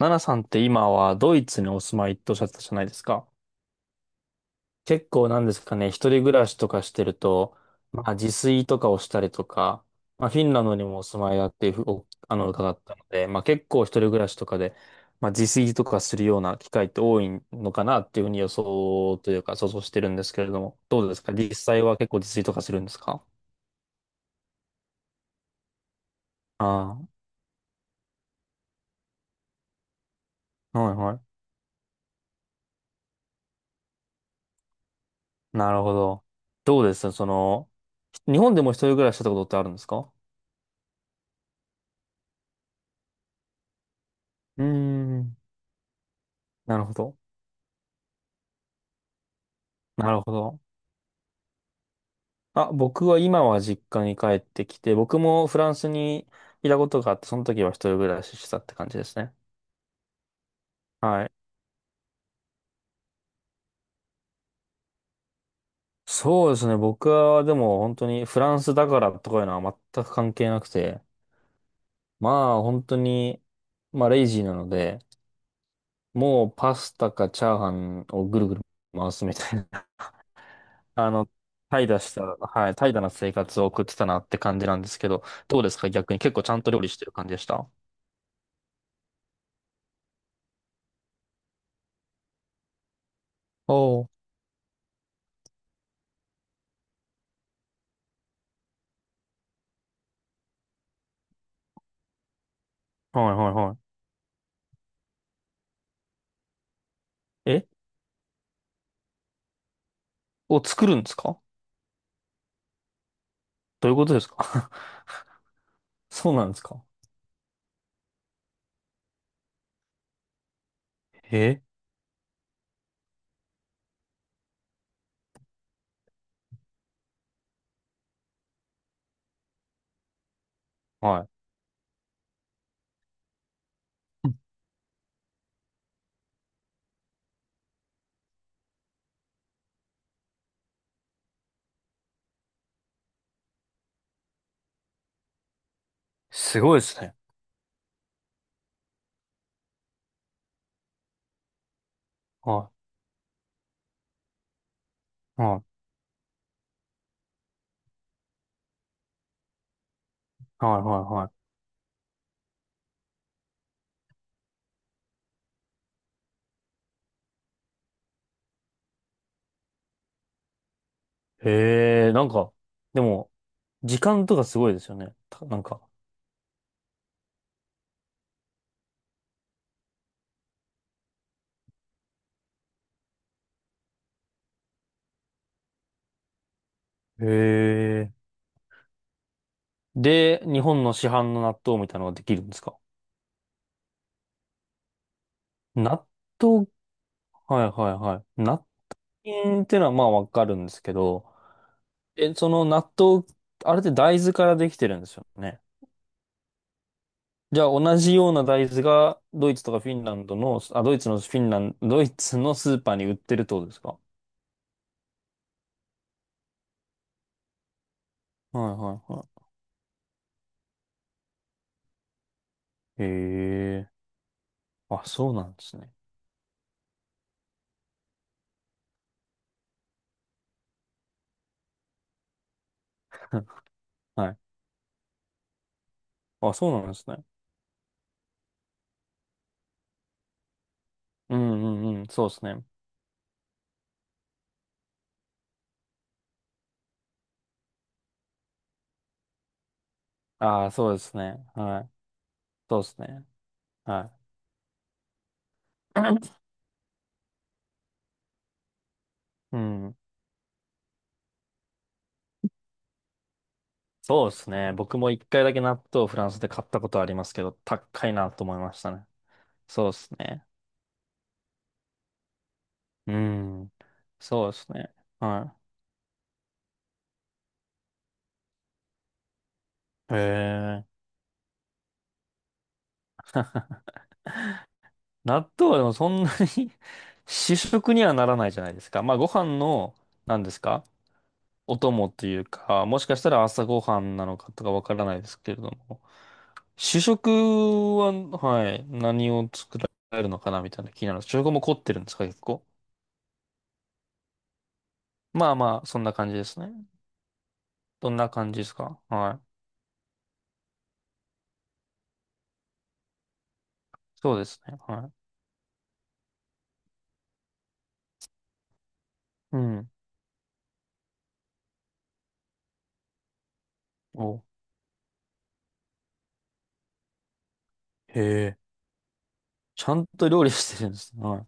ナナさんって今はドイツにお住まいっておっしゃってたじゃないですか。結構なんですかね、一人暮らしとかしてると、まあ自炊とかをしたりとか、まあフィンランドにもお住まいだっていうふうお、あの、伺ったので、まあ結構一人暮らしとかで、まあ自炊とかするような機会って多いのかなっていうふうに予想というか想像してるんですけれども、どうですか実際は結構自炊とかするんですか？ああ、はいはい。なるほど。どうですその、日本でも一人暮らししたことってあるんですか？うーん、なるほど。なるほど。あ、僕は今は実家に帰ってきて、僕もフランスにいたことがあって、その時は一人暮らししてたって感じですね。はい。そうですね。僕はでも本当にフランスだからとかいうのは全く関係なくて、まあ本当に、まあレイジーなので、もうパスタかチャーハンをぐるぐる回すみたいな、あの、怠惰した、はい、怠惰な生活を送ってたなって感じなんですけど、どうですか逆に結構ちゃんと料理してる感じでした？おおー。はいはいはい。えを作るんですか？どういうことですか？ そうなんですか？えはい。すごいですね。はい。はい。はい。はい。はいえー、なんか、でも、時間とかすごいですよね。たなんか。へえ。で、日本の市販の納豆みたいなのができるんですか？納豆、はいはいはい。納豆ってのはまあわかるんですけど、え、その納豆、あれって大豆からできてるんですよね。じゃあ同じような大豆がドイツとかフィンランドの、あ、ドイツのフィンランド、ドイツのスーパーに売ってるってことですかはいはいはい。へえ。あ、そうなんですね。はい。あ、そうなんですね。うんうんうん。そうですね。ああ、そうですね。はい。そうですね。はい。うん。そうですね。僕も一回だけ納豆をフランスで買ったことありますけど、高いなと思いましたね。そうですね。うん。そうですね。はい。へえ。納豆はでもそんなに 主食にはならないじゃないですか。まあご飯の、何ですか、お供っていうか、もしかしたら朝ご飯なのかとかわからないですけれども。主食は、はい、何を作られるのかなみたいな気になる。主食も凝ってるんですか、結構。まあまあ、そんな感じですね。どんな感じですか、はい。そうですね。はい。うん。お、へえ。ちゃんと料理してるんですね。はい。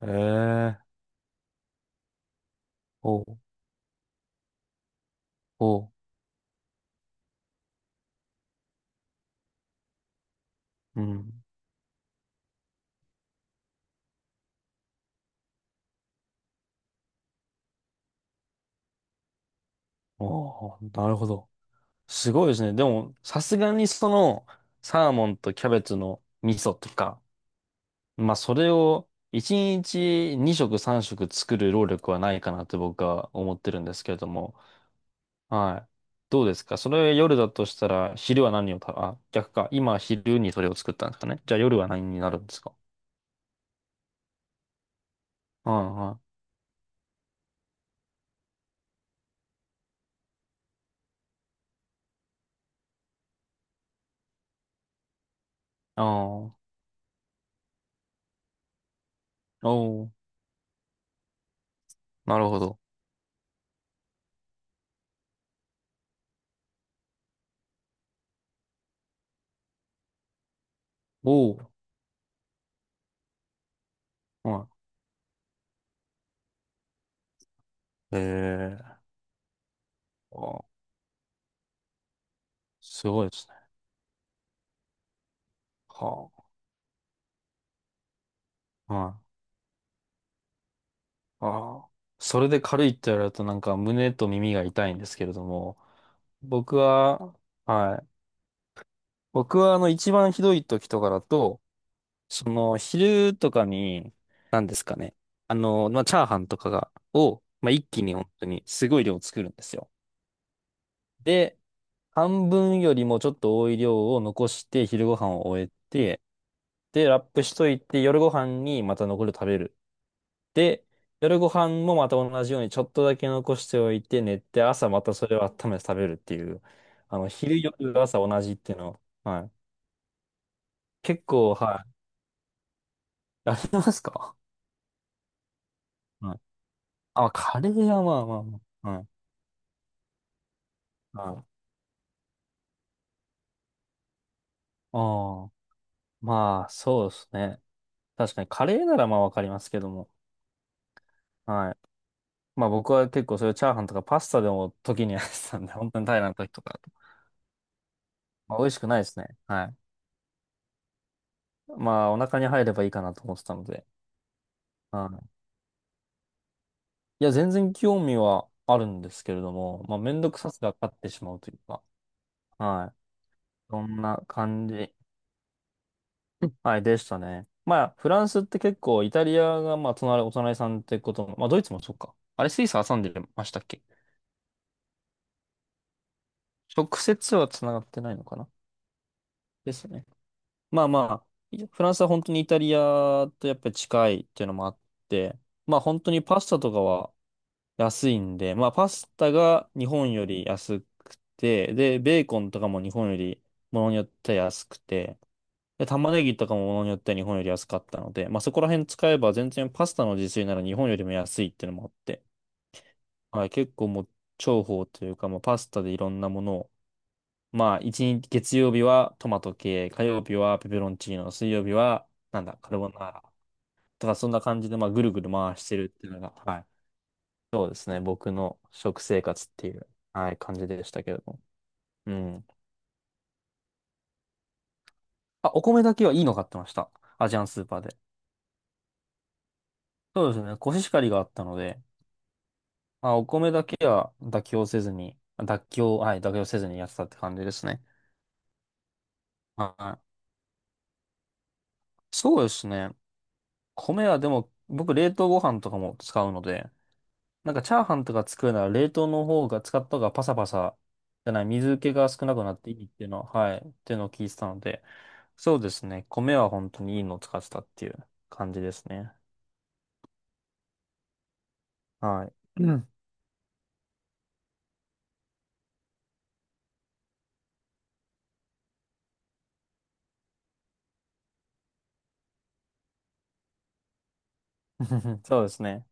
へえ。お、お、うん。おー、なるほど。すごいですね。でも、さすがにその、サーモンとキャベツの味噌とか、まあ、それを1日2食3食作る労力はないかなって僕は思ってるんですけれども、はい。どうですかそれ夜だとしたら、昼は何をた、あ、逆か。今昼にそれを作ったんですかね。じゃあ夜は何になるんですか？はいはい。ああおー、なるほど。おー、はい。えー、あーすごいですね。はあ。はいああ。それで軽いって言われるとなんか胸と耳が痛いんですけれども、僕は、はい。僕は一番ひどい時とかだと、その昼とかに、何ですかね。まあ、チャーハンとかが、を、まあ、一気に本当にすごい量作るんですよ。で、半分よりもちょっと多い量を残して昼ご飯を終えて、で、ラップしといて夜ご飯にまた残りを食べる。で、夜ご飯もまた同じようにちょっとだけ残しておいて寝て、朝またそれを温めて食べるっていう、昼、夜、朝同じっていうの、はい。結構、はい。やりますか？はい。あ、カレーはまあまあまあ。はい。はい。ああ、まあ、そうですね。確かに、カレーならまあわかりますけども。はい。まあ僕は結構そういうチャーハンとかパスタでも時にやってたんで、本当に平らな時とか。まあ美味しくないですね。はい。まあお腹に入ればいいかなと思ってたので。はい、いや、全然興味はあるんですけれども、まあ、めんどくささが勝ってしまうというか、はい。そんな感じ、はい、でしたね。まあ、フランスって結構、イタリアが、まあ、隣、お隣さんってことも、まあ、ドイツもそうか。あれ、スイス挟んでましたっけ？直接は繋がってないのかな、ですね。まあまあ、フランスは本当にイタリアとやっぱり近いっていうのもあって、まあ、本当にパスタとかは、安いんで、まあパスタが日本より安くて、で、ベーコンとかも日本よりものによっては安くて、で、玉ねぎとかもものによっては日本より安かったので、まあそこら辺使えば全然パスタの自炊なら日本よりも安いっていうのもあって、はい、結構もう重宝というか、もうパスタでいろんなものを、まあ一日、月曜日はトマト系、火曜日はペペロンチーノ、水曜日はなんだ、カルボナーラとかそんな感じでまあぐるぐる回してるっていうのが、はい、そうですね。僕の食生活っていう、はい、感じでしたけれども。うん。あ、お米だけはいいの買ってました。アジアンスーパーで。そうですね。コシヒカリがあったので、まあ、お米だけは妥協せずにやってたって感じですね。はい。そうですね。米はでも、僕冷凍ご飯とかも使うので、なんかチャーハンとか作るなら冷凍の方が、使った方がパサパサじゃない、水気が少なくなっていいっていうのは、はい、っていうのを聞いてたので、そうですね。米は本当にいいのを使ってたっていう感じですね。はい。うん そうですね。